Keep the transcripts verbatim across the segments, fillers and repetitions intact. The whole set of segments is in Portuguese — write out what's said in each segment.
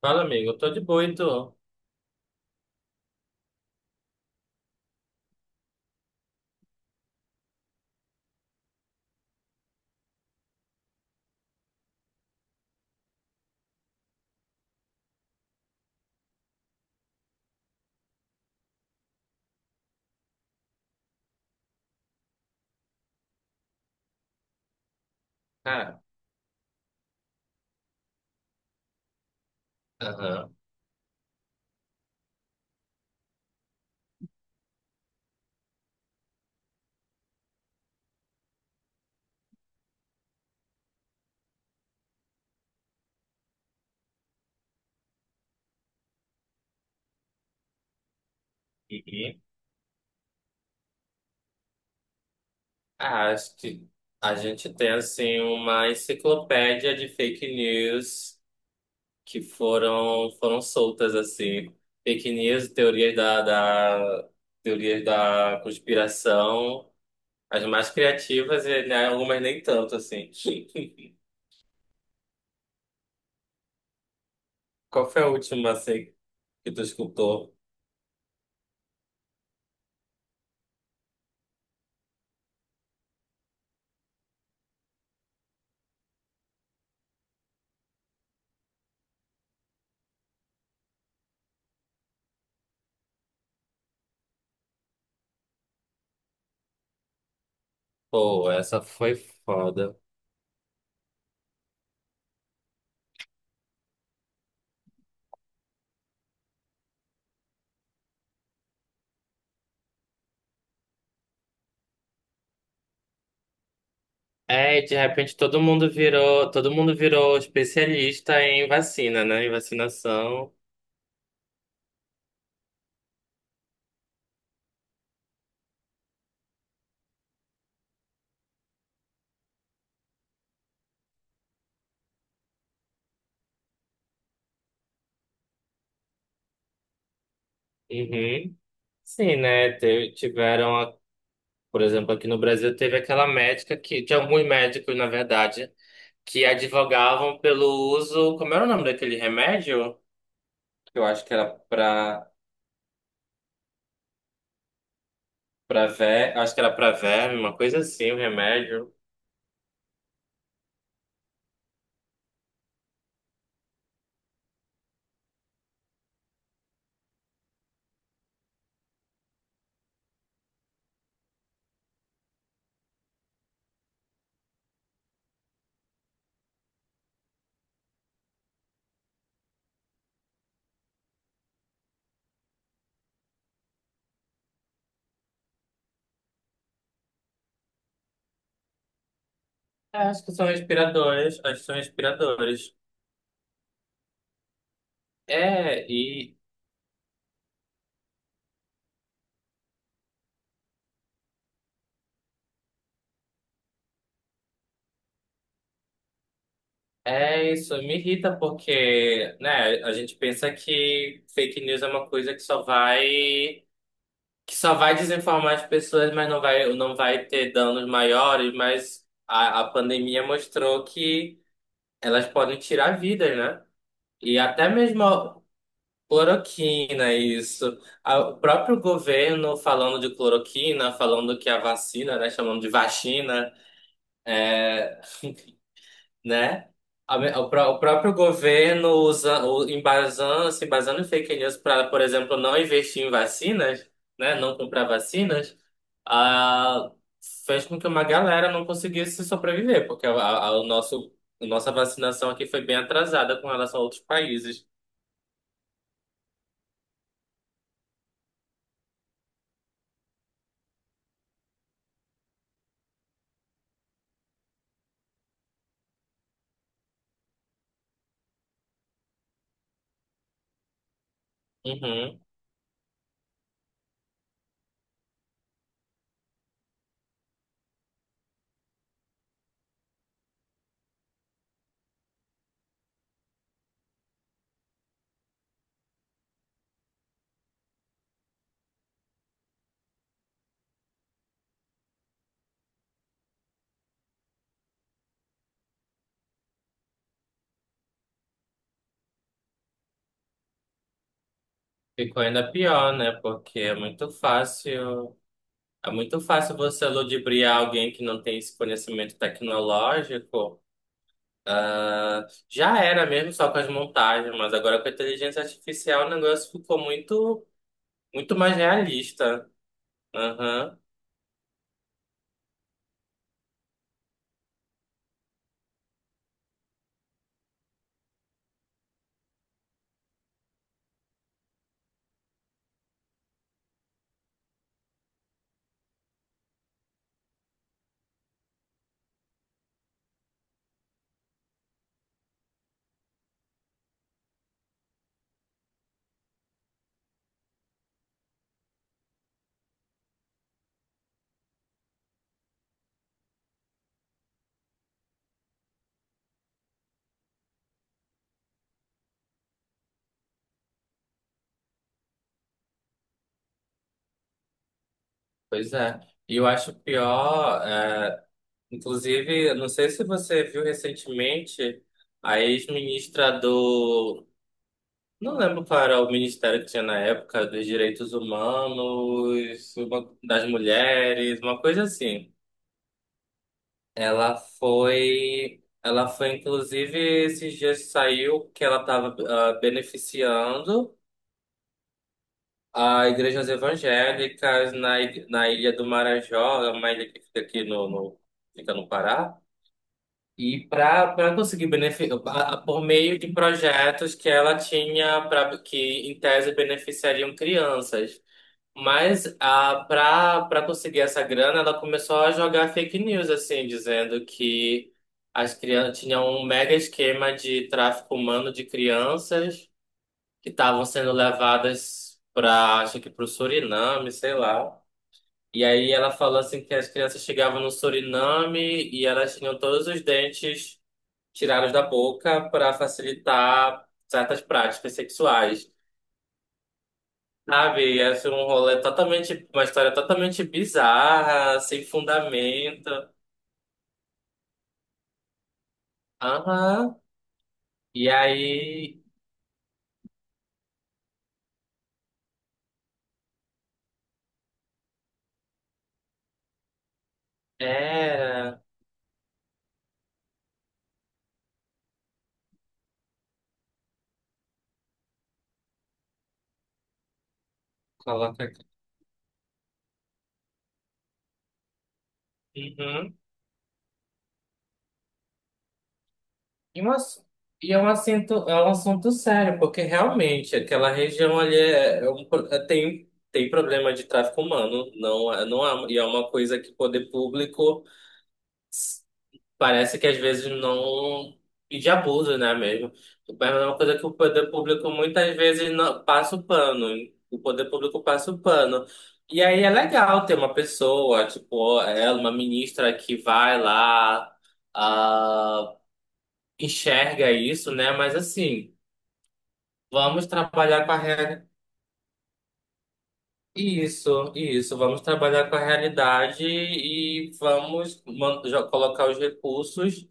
Fala, amigo, eu tô de boa, e tu? Cara, aham. E ah, acho que a gente tem assim uma enciclopédia de fake news que foram foram soltas assim, fake news, teorias da, da teorias da conspiração, as mais criativas e, né, algumas nem tanto assim. Qual foi a última assim que tu escutou? Pô, essa foi foda. É, e de repente todo mundo virou, todo mundo virou especialista em vacina, né? Em vacinação. Uhum. Sim, né? Te- Tiveram, a- por exemplo, aqui no Brasil teve aquela médica que, de alguns médicos, na verdade, que advogavam pelo uso, como era o nome daquele remédio? Eu acho que era pra, pra ver, acho que era pra verme, uma coisa assim, o remédio. É, acho que são respiradores, acho que são respiradores. É, e é isso, me irrita porque, né, a gente pensa que fake news é uma coisa que só vai que só vai desinformar as pessoas, mas não vai não vai ter danos maiores, mas a, a pandemia mostrou que elas podem tirar vidas, né? E até mesmo a cloroquina, isso. A- O próprio governo falando de cloroquina, falando que a vacina, né, chamando de vacina, né? A me- O pró- o próprio governo usa, o- embasando, se embasando em fake news para, por exemplo, não investir em vacinas, né? Não comprar vacinas, ah, fez com que uma galera não conseguisse sobreviver, porque a, a- o nosso, a nossa vacinação aqui foi bem atrasada com relação a outros países. Uhum. Ficou ainda pior, né? Porque é muito fácil, é muito fácil você ludibriar alguém que não tem esse conhecimento tecnológico. Ah, já era mesmo só com as montagens, mas agora com a inteligência artificial o negócio ficou muito, muito mais realista. Aham, pois é. E eu acho pior, é, inclusive, eu não sei se você viu recentemente, a ex-ministra do. Não lembro qual era o ministério que tinha na época, dos direitos humanos, uma- das mulheres, uma coisa assim. Ela foi, ela foi inclusive esses dias saiu que ela estava beneficiando a igrejas evangélicas na, ig- na Ilha do Marajó, é uma ilha que fica aqui no, no- fica no Pará. E para para conseguir benefício por meio de projetos que ela tinha para que em tese beneficiariam crianças. Mas a, pra, pra conseguir essa grana, ela começou a jogar fake news, assim, dizendo que as crianças tinham um mega esquema de tráfico humano de crianças que estavam sendo levadas para, acho que para o Suriname, sei lá. E aí ela falou assim que as crianças chegavam no Suriname e elas tinham todos os dentes tirados da boca para facilitar certas práticas sexuais. Sabe, ia ser um rolê totalmente, uma história totalmente bizarra, sem fundamento. Aham. E aí, era. Coloca aqui. Uhum. E, um ass- e é um assunto, é um assunto sério, porque realmente aquela região ali é, é um pro- é- tem, tem problema de tráfico humano, não, é- não é, e é uma coisa que o poder público. Parece que às vezes não. E de abuso, né, mesmo? Mas é uma coisa que o poder público muitas vezes não... passa o pano. O poder público passa o pano. E aí é legal ter uma pessoa, tipo, ela, uma ministra que vai lá, ah, enxerga isso, né? Mas assim, vamos trabalhar com a realidade. Isso, isso. Vamos trabalhar com a realidade e vamos man- jo- colocar os recursos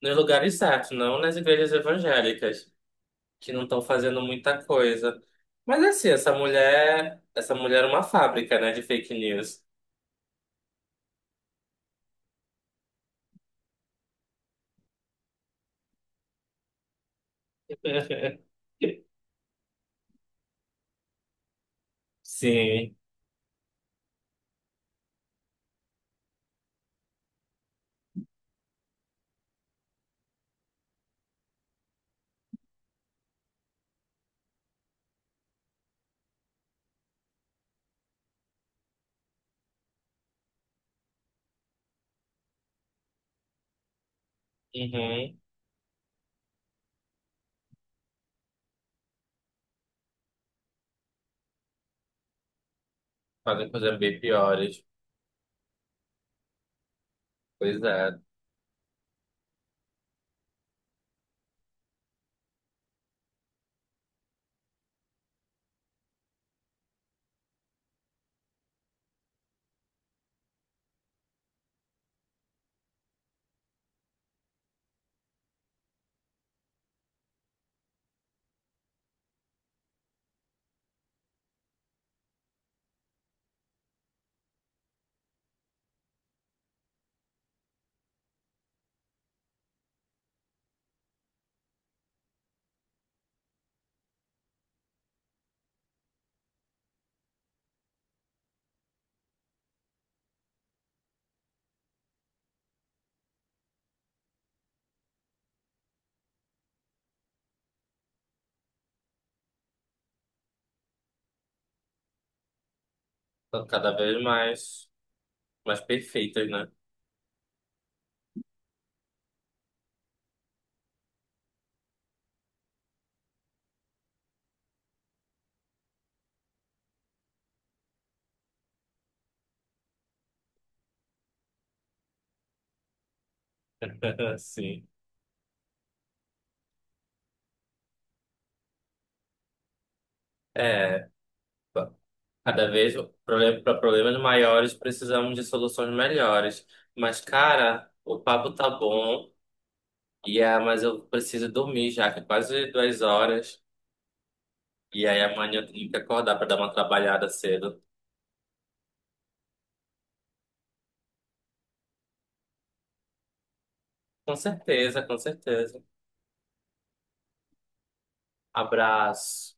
nos lugares certos, não nas igrejas evangélicas. Que não estão fazendo muita coisa. Mas assim, essa mulher, essa mulher é uma fábrica, né, de fake news. Sim. Uhum. Fazem coisas bem piores. Pois é. Estão cada vez mais, mais perfeitas, né? Sim. É. Ba- Cada vez, para problemas maiores precisamos de soluções melhores. Mas, cara, o papo tá bom. E é, mas eu preciso dormir já, que é quase duas horas. E aí amanhã eu tenho que acordar para dar uma trabalhada cedo. Com certeza, com certeza. Abraço.